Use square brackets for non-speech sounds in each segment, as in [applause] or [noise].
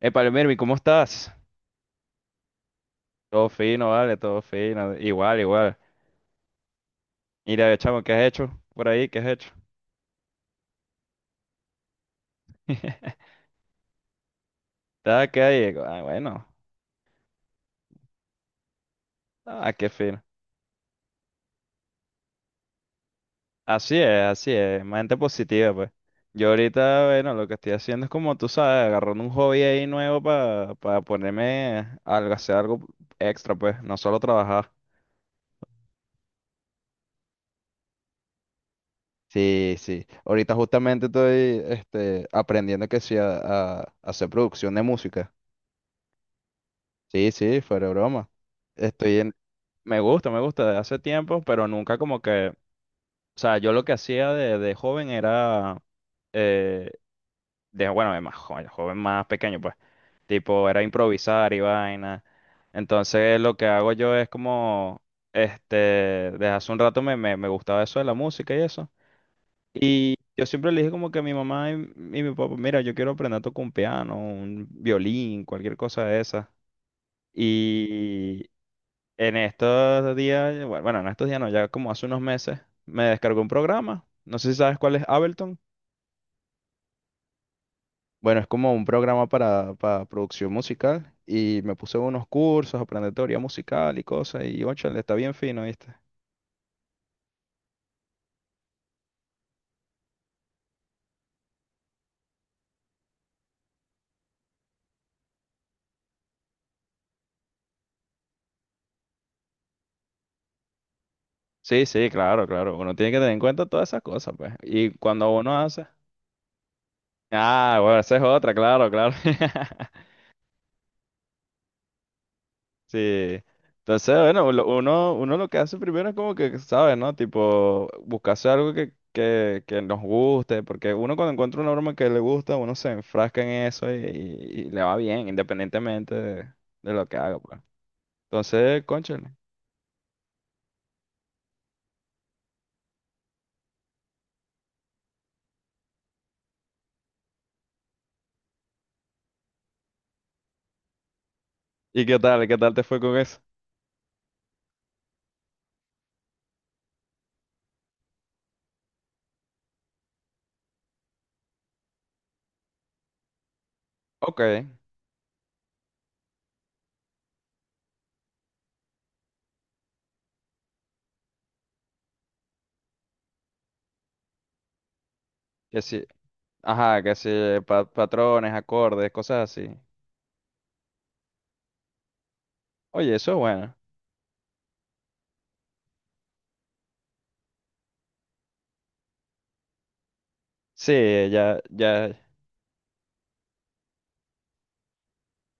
Epa, mermi, ¿cómo estás? Todo fino, vale, todo fino. Igual, igual. Mira, chamo, ¿qué has hecho por ahí? ¿Qué has hecho? [laughs] ¿Estás acá ahí? Ah, bueno. Ah, qué fino. Así es, así es. Mente positiva, pues. Yo ahorita, bueno, lo que estoy haciendo es como tú sabes, agarrando un hobby ahí nuevo para ponerme algo, hacer algo extra, pues. No solo trabajar. Sí, sí. Ahorita justamente estoy este, aprendiendo que sí a, a hacer producción de música. Sí, sí, fuera de broma. Estoy en, me gusta, me gusta de hace tiempo, pero nunca como que, o sea, yo lo que hacía de joven era, eh, de, bueno, de más joven, joven más pequeño, pues, tipo, era improvisar y vaina. Entonces lo que hago yo es como, este, desde hace un rato me gustaba eso de la música y eso. Y yo siempre le dije como que a mi mamá y mi papá, mira, yo quiero aprender a tocar un piano, un violín, cualquier cosa de esas. Y, en estos días, bueno, en estos días no, ya como hace unos meses, me descargó un programa. No sé si sabes cuál es Ableton. Bueno, es como un programa para producción musical y me puse unos cursos, aprender teoría musical y cosas y, le está bien fino, ¿viste? Sí, sí, claro, claro. Uno tiene que tener en cuenta todas esas cosas, pues. Y cuando uno hace... Ah, bueno, esa es otra, claro, claro. [laughs] Sí. Entonces, bueno, lo- uno, uno lo que hace primero es como que, ¿sabes, no? Tipo, buscarse algo que nos guste, porque uno cuando encuentra una broma que le gusta, uno se enfrasca en eso y, y le va bien, independientemente de lo que haga, pues. Entonces, cónchale. ¿Y qué tal? ¿Qué tal te fue con eso? Ok, que sí. Ajá, que sí, patrones, acordes, cosas así. Oye, eso es bueno. Sí, ya, ya.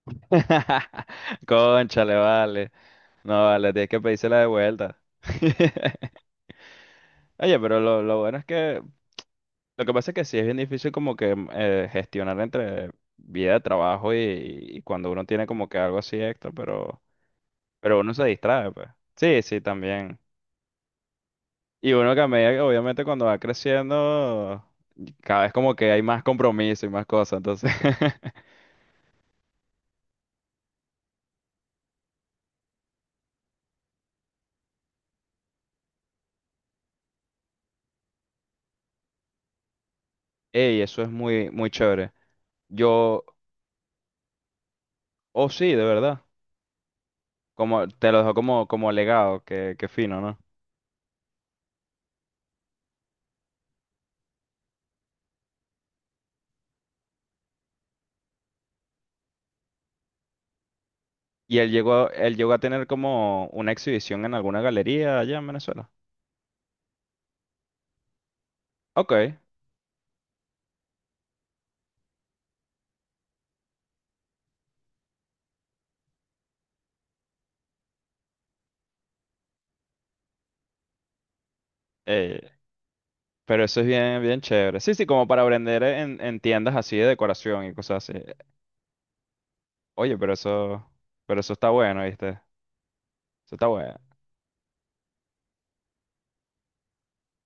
[laughs] Cónchale, vale. No, vale, tienes que pedírsela de vuelta. [laughs] Oye, pero lo bueno es que lo que pasa es que sí es bien difícil como que gestionar entre vida de trabajo y cuando uno tiene como que algo así extra, pero uno se distrae, pues. Sí, sí, también. Y uno que a medida que obviamente cuando va creciendo, cada vez como que hay más compromiso y más cosas, entonces, [laughs] ey, eso es muy, muy chévere. Yo, oh sí, de verdad, como te lo dejo como, como legado, que fino, ¿no? Y él llegó a tener como una exhibición en alguna galería allá en Venezuela. Ok, eh, pero eso es bien, bien chévere. Sí, sí, como para vender en tiendas así de decoración y cosas así. Oye, pero eso está bueno, ¿viste? Eso está bueno.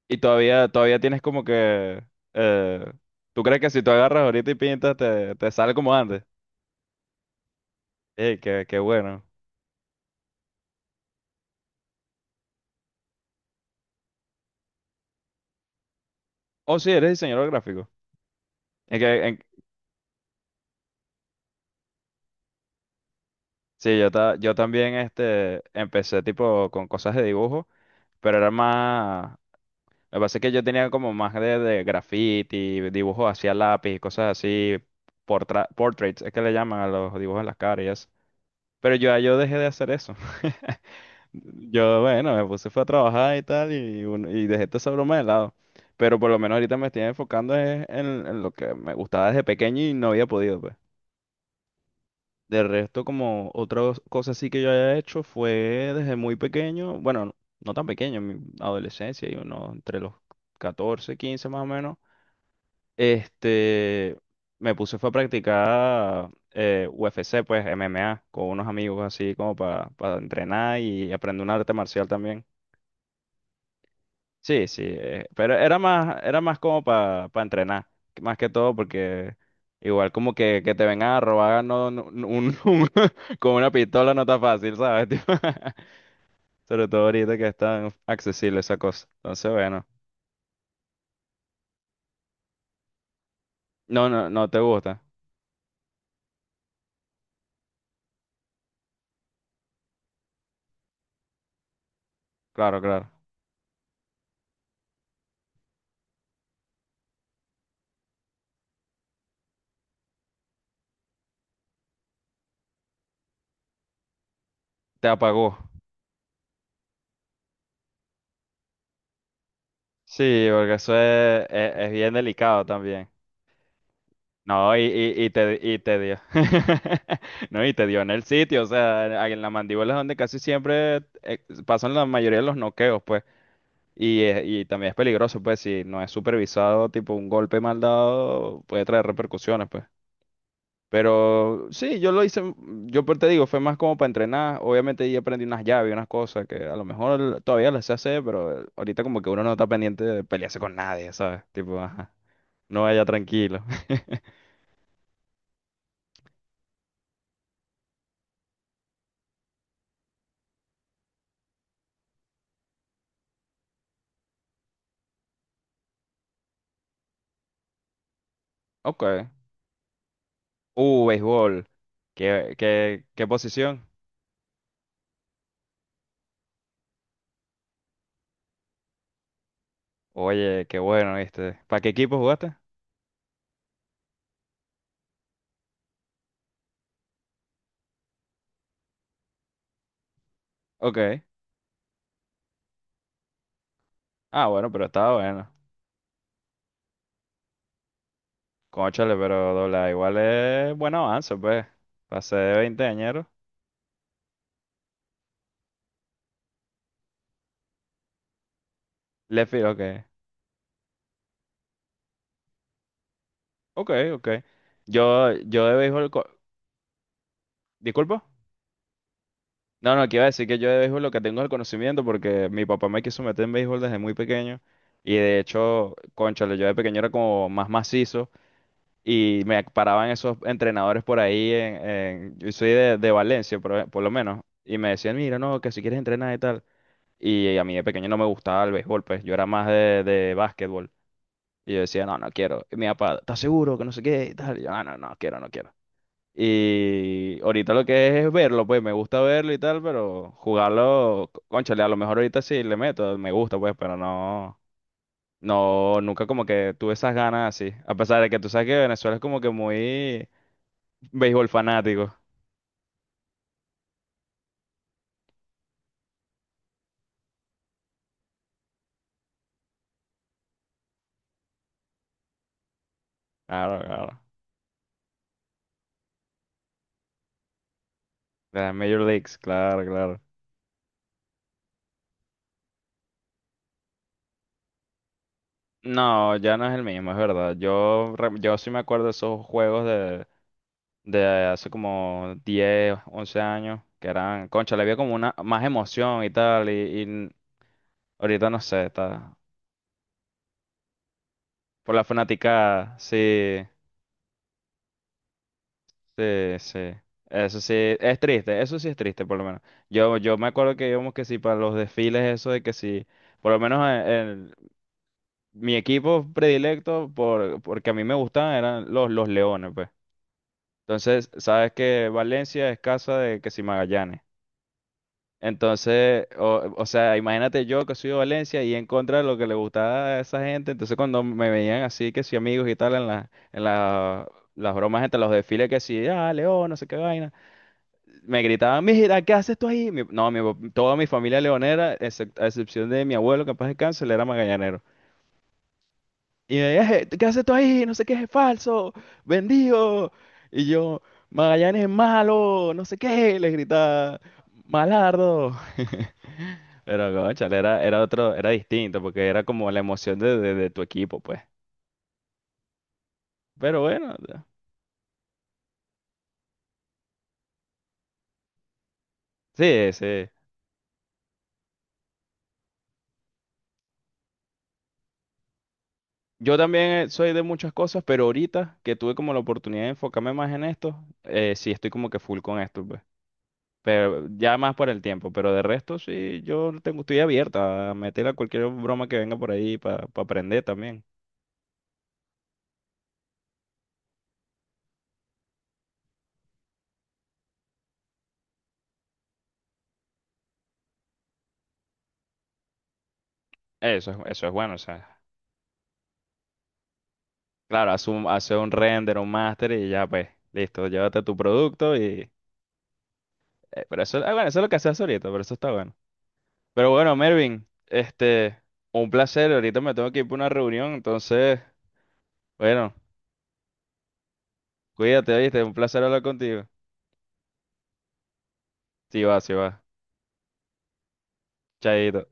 Y todavía, todavía tienes como que, eh, ¿tú crees que si tú agarras ahorita y pintas te, te sale como antes? Ey, qué, qué bueno. Oh, sí, eres diseñador gráfico. Es que, en- sí, yo, ta- yo también este, empecé tipo con cosas de dibujo, pero era más. Lo que pasa es que yo tenía como más de graffiti, dibujos hacia lápiz, cosas así, portraits, es que le llaman a los dibujos en las caras y eso. Pero yo dejé de hacer eso. [laughs] Yo, bueno, me puse fue a trabajar y tal, y, un- y dejé toda esa broma de lado. Pero por lo menos ahorita me estoy enfocando es en lo que me gustaba desde pequeño y no había podido, pues. De resto, como otra cosa así que yo haya hecho fue desde muy pequeño, bueno, no tan pequeño, en mi adolescencia, y uno entre los 14, 15 más o menos. Este, me puse fue a practicar UFC, pues MMA, con unos amigos así como para entrenar y aprender un arte marcial también. Sí, sí, pero era más como para entrenar, más que todo porque igual como que te vengan a robar no, no- no- un- [laughs] con una pistola no está fácil, ¿sabes? Tipo, [laughs] sobre todo ahorita que es tan accesible esa cosa. Entonces, bueno, no, no, no te gusta. Claro, claro. Te apagó. Sí, porque eso es bien delicado también. No, y te dio. [laughs] No, y te dio en el sitio, o sea, en la mandíbula es donde casi siempre eh, pasan la mayoría de los noqueos, pues. Y, es- y también es peligroso, pues, si no es supervisado, tipo un golpe mal dado puede traer repercusiones, pues. Pero sí, yo lo hice, yo por- te digo, fue más como para entrenar. Obviamente ahí aprendí unas llaves, unas cosas que a lo mejor todavía las sé hacer, pero ahorita como que uno no está pendiente de pelearse con nadie, ¿sabes? Tipo, ajá. No vaya tranquilo. [laughs] Ok. Béisbol. ¿Qué, qué, qué posición? Oye, qué bueno, ¿viste? ¿Para qué equipo jugaste? Ok. Ah, bueno, pero estaba bueno. Cónchale, pero doble A igual es buen avance, pues. Pasé de 20 añeros. Le fijo que. Ok, ok. Yo de béisbol. Co- ¿disculpa? No, no, que iba a decir que yo de béisbol lo que tengo es el conocimiento porque mi papá me quiso meter en béisbol desde muy pequeño. Y de hecho, cónchale, yo de pequeño era como más macizo. Y me paraban esos entrenadores por ahí en- yo soy de Valencia, por lo menos. Y me decían, mira, no, que si quieres entrenar y tal. Y a mí de pequeño no me gustaba el béisbol, pues yo era más de básquetbol. Y yo decía, no, no quiero. Y mi papá, ¿estás seguro que no sé qué? Y tal. Y yo, no, no, no quiero, no quiero. Y ahorita lo que es verlo, pues me gusta verlo y tal, pero jugarlo, c- cónchale, a lo mejor ahorita sí le meto, me gusta, pues, pero no, no, nunca como que tuve esas ganas así. A pesar de que tú sabes que Venezuela es como que muy béisbol fanático. Claro, claro. De las Major Leagues, claro, claro. No, ya no es el mismo, es verdad. Yo, re- yo sí me acuerdo de esos juegos de hace como 10, 11 años, que eran, concha, le había como una más emoción y tal, y ahorita no sé, está por la fanática, sí, sí, sí. Eso sí, es triste, eso sí es triste por lo menos. Yo me acuerdo que íbamos que sí para los desfiles, eso de que sí, por lo menos en, mi equipo predilecto, por, porque a mí me gustaban, eran los Leones, pues. Entonces, sabes que Valencia es casa de que si Magallanes. Entonces, o sea, imagínate yo que soy de Valencia y en contra de lo que le gustaba a esa gente. Entonces, cuando me veían así, que si amigos y tal, en la- las bromas entre los desfiles, que si, ah, León, no sé qué vaina, me gritaban, mira, ¿qué haces tú ahí? Mi- no, mi, toda mi familia leonera, excep- a excepción de mi abuelo, que en paz descanse, él era magallanero. Y me decía, "Je- ¿qué haces tú ahí? No sé qué es falso, vendido. Y yo, Magallanes es malo, no sé qué, le gritaba, Malardo. [laughs] Pero, cónchale, era, era otro, era distinto, porque era como la emoción de tu equipo, pues. Pero bueno, sí, sí. Yo también soy de muchas cosas, pero ahorita que tuve como la oportunidad de enfocarme más en esto, sí estoy como que full con esto, pues. Pero ya más por el tiempo, pero de resto sí, yo tengo, estoy abierta a meter a cualquier broma que venga por ahí para aprender también. Eso es bueno, o sea, claro, haz un, hace un render, un master y ya pues, listo, llévate tu producto y... pero eso, ah, bueno, eso es lo que haces ahorita, pero eso está bueno. Pero bueno, Mervin, este, un placer, ahorita me tengo que ir para una reunión, entonces, bueno, cuídate, ¿viste? Un placer hablar contigo. Sí va, sí va. Chaito.